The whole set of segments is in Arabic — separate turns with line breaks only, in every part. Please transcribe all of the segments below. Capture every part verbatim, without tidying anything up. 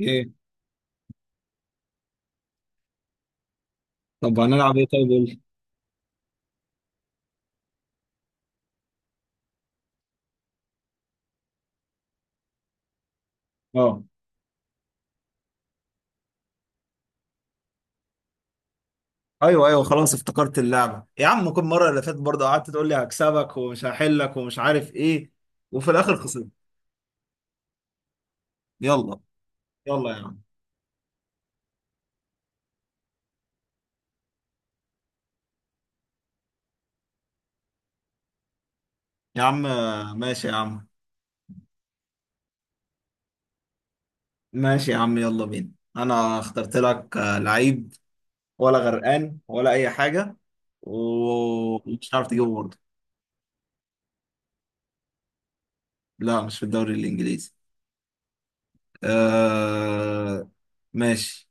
ايه؟ طب هنلعب ايه؟ طيب قول لي. اه، ايوه، ايوه، خلاص افتكرت اللعبه يا عم. كل مره اللي فاتت برضه قعدت تقول لي هكسبك ومش هحلك ومش عارف ايه، وفي الاخر خسرت. يلا، يلا يا عم يا عم. آه، ماشي يا عم. ماشي يا عم، يلا بينا. انا اخترت لك آه، لعيب، ولا غرقان ولا اي حاجه، ومش عارف تجيبه برضه. لا، مش في الدوري الانجليزي. آه... ماشي.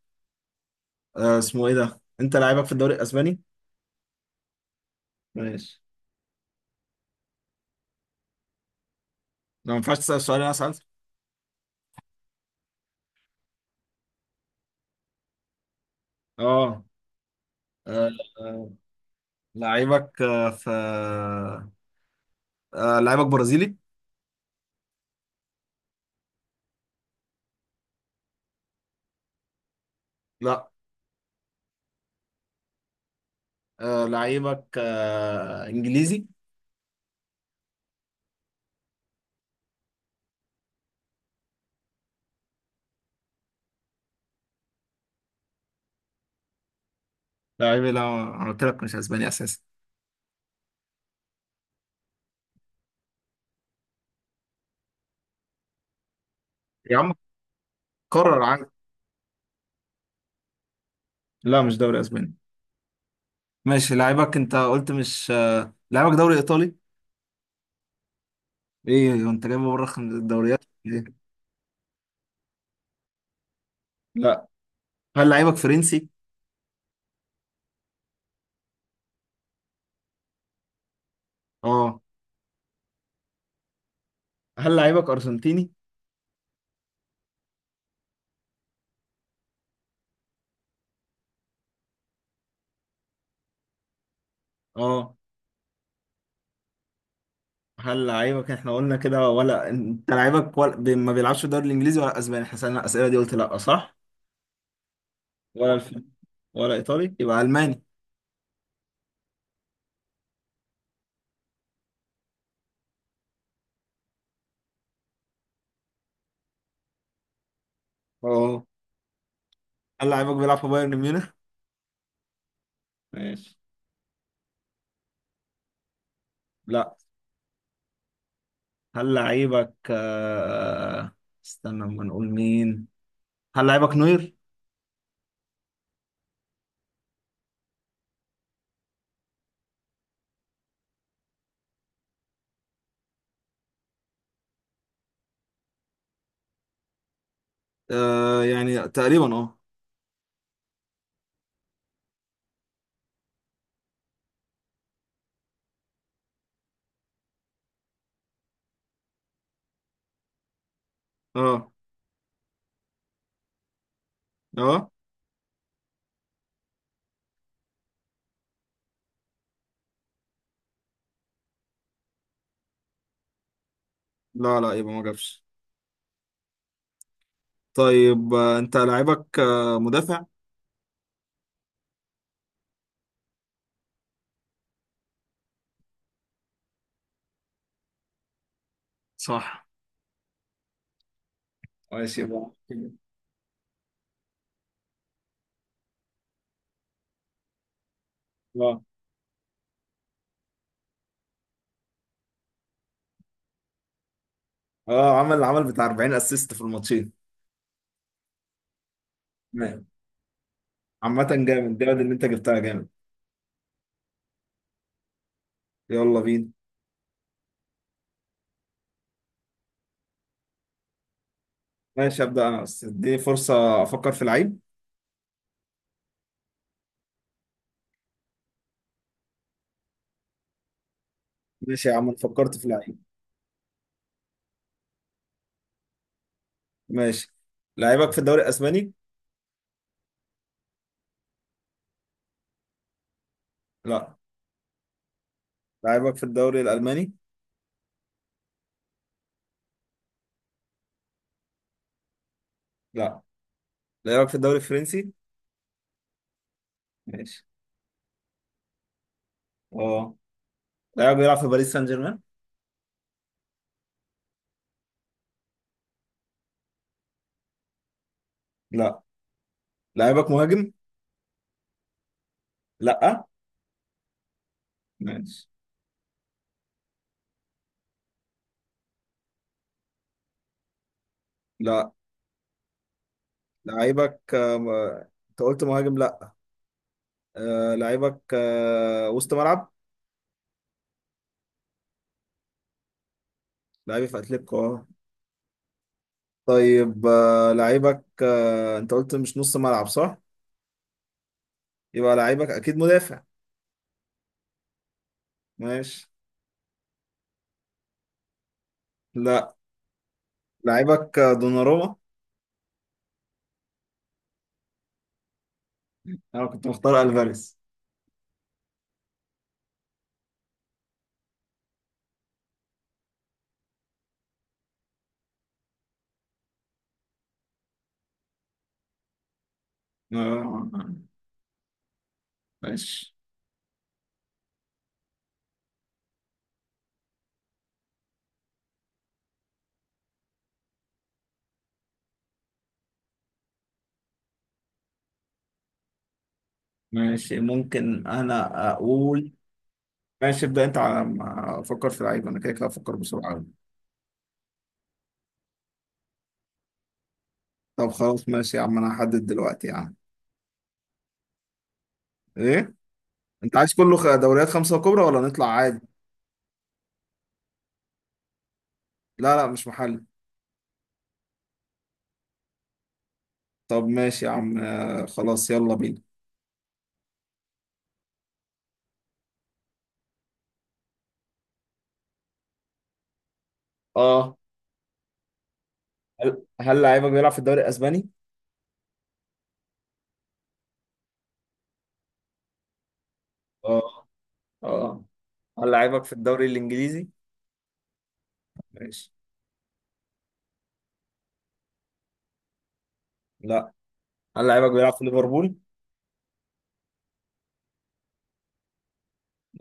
آه، اسمه ايه ده؟ انت لعيبك في الدوري الاسباني. ماشي. ما ينفعش تسال سؤال، انا اسال. اه. آه، آه، لعيبك آه، في آه، آه، لعيبك برازيلي. لا. آه، لعيبك آه، انجليزي. لعيبي لا. انا قلت لك مش اسباني اساسا. يا عم قرر عادي. لا، مش دوري اسباني. ماشي، لعيبك انت قلت مش آه، لعيبك دوري ايطالي. ايه انت جايبه بره خم- الدوريات إيه؟ لا. هل لعيبك فرنسي؟ اه. هل لعيبك ارجنتيني؟ اه. هل لعيبك احنا قلنا كده؟ ولا انت لعيبك ولا... ما بيلعبش في الدوري الانجليزي ولا اسباني؟ احنا سالنا الاسئله دي، قلت لا، صح؟ ولا الف... ولا ايطالي يبقى الماني. اه. هل لعيبك بيلعب في بايرن ميونخ؟ ماشي. لا. هل لعيبك آه، استنى ما نقول مين. هل لعيبك نوير؟ آه يعني تقريبا اه. اه، اه. لا لا، يبقى ما جابش. طيب آه، انت لعيبك آه مدافع؟ صح. ماشي يبقى. اه. اه، عمل عمل بتاع أربعين اسيست في الماتشين. تمام. عامة جامد، جامد ان انت جبتها جامد. يلا بينا. ماشي ابدا انا، بس اديني فرصة افكر في لعيب. ماشي يا عم، أنا فكرت في لعيب. ماشي. لعيبك في الدوري الاسباني؟ لا. لعيبك في الدوري الالماني؟ لا. لعيبك في الدوري الفرنسي؟ ماشي. اه. لعيبك بيلعب في باريس سان جيرمان؟ لا. لعيبك مهاجم؟ لا. ماشي. لا. لعيبك آه، ما- انت قلت مهاجم لا. آه، لعيبك آه، وسط ملعب. لعيبي في اتلتيكو اه. طيب آه، لعيبك آه، انت قلت مش نص ملعب، صح؟ يبقى لعيبك اكيد مدافع. ماشي. لا. لعيبك آه، دوناروما. انا كنت مختار الفاريز. آه، ماشي. ماشي ممكن انا اقول. ماشي، ابدا انت على ما افكر في لعيب، انا كده كده افكر بسرعه أوي. طب خلاص ماشي يا عم، انا هحدد دلوقتي يا عم. ايه؟ انت عايز كله خ- دوريات خمسه كبرى، ولا نطلع عادي؟ لا لا، مش محل. طب ماشي يا عم، آه، خلاص يلا بينا. اه. هل هل لعيبك بيلعب في الدوري الاسباني؟ اه، اه. هل لعيبك في الدوري الانجليزي؟ ماشي. لا. هل لعيبك بيلعب في ليفربول؟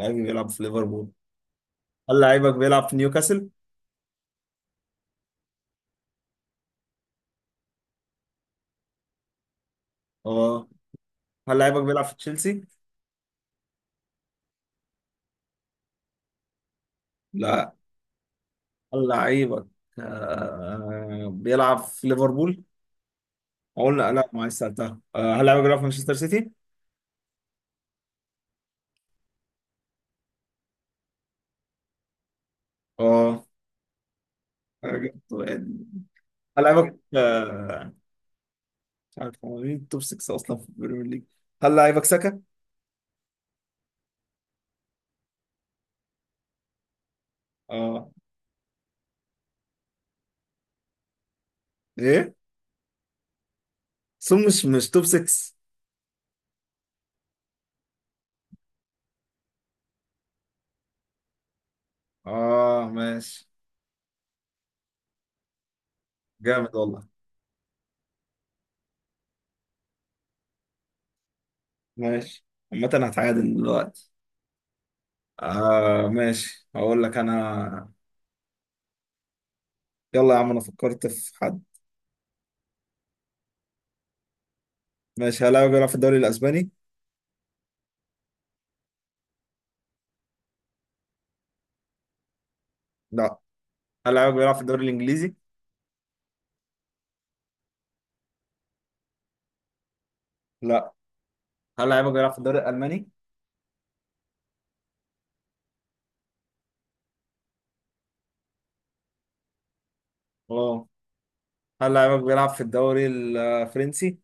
لعيبي بيلعب في ليفربول. هل لعيبك بيلعب في نيوكاسل؟ اه. هل لعيبك بيلعب في تشيلسي؟ لا. هل لعيبك آه بيلعب في ليفربول؟ اقول لا، لا ما عايز سالتها. آه هل لعيبك بيلعب في مانشستر سيتي؟ اه. أنا جبت واحد. هل لعيبك آه مش عارف هو مين توب ستة اصلا في البريمير ليج. هل لعيبك ساكا؟ اه. ايه؟ سون مش مش توب ستة. اه. ماشي. جامد والله. ماشي. عامة هتعادل دلوقتي. آه ماشي، هقول لك انا. يلا يا عم، انا فكرت في حد. ماشي. هل لاعبك بيلعب في الدوري الاسباني؟ لا. هل لاعبك بيلعب في الدوري الانجليزي؟ لا. هل لاعبك بيلعب في الدوري الالماني؟ اه. هل لاعبك بيلعب في الدوري الفرنسي؟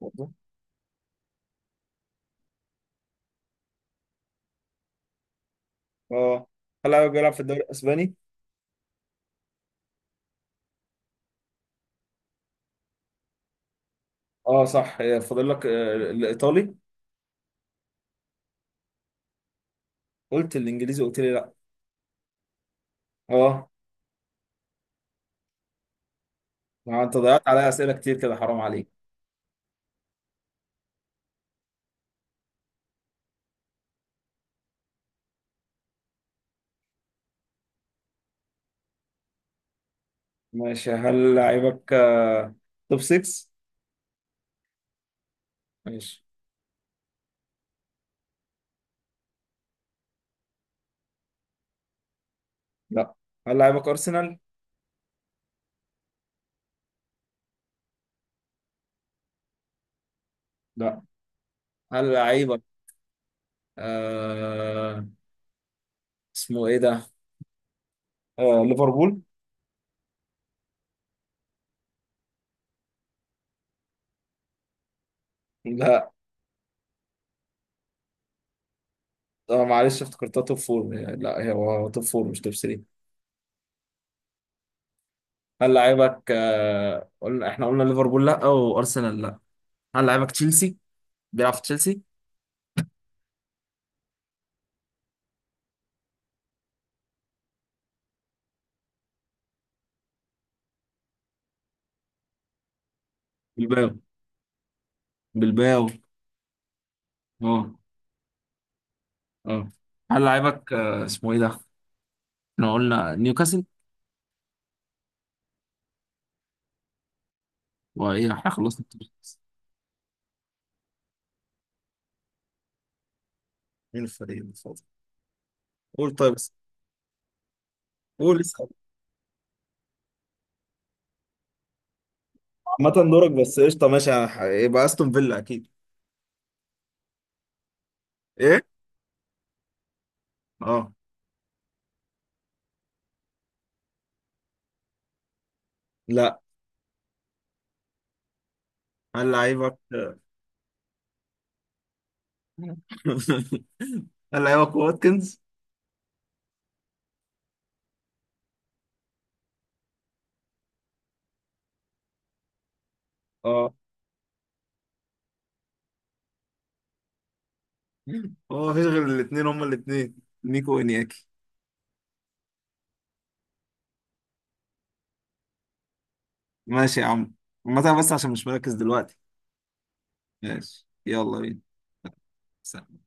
برضه. اه. هل لاعبك بيلعب في الدوري الاسباني؟ اه صح، فاضل لك آه، الايطالي. قلت الانجليزي، قلت لي لا. اه. ما انت ضيعت عليا اسئله كتير كده، حرام عليك. ماشي. هل لاعبك آه، توب ستة؟ ماشي. لا. هل لاعبك ارسنال؟ لا. هل لاعبك آه اسمه ايه ده؟ آه ليفربول؟ لا. اه معلش، افتكرتها توب فور. لا، هي هو توب فور مش توب ثلاثة. هل لعيبك آه، قلنا احنا قلنا ليفربول لا وارسنال لا. هل لعيبك تشيلسي؟ بيلعب في تشيلسي؟ بلباو. بلباو. اه. اه. هل لعيبك آه، اسمه ايه ده؟ احنا قلنا نيوكاسل. وايه، احنا خلصنا التوب. مين الفريق المفضل؟ قول طيب بس. قول اسأل. عامة دورك، بس قشطة ماشي ه- يبقى استون فيلا اكيد. ايه؟ اه. لا. هل لعيبك هل لعيبك واتكنز؟ هو مفيش غير الاثنين، هما الاثنين. نيكو وانياكي. ماشي يا عم. عامة بس عشان مش مركز دلوقتي. ماشي يلا بينا. سلام.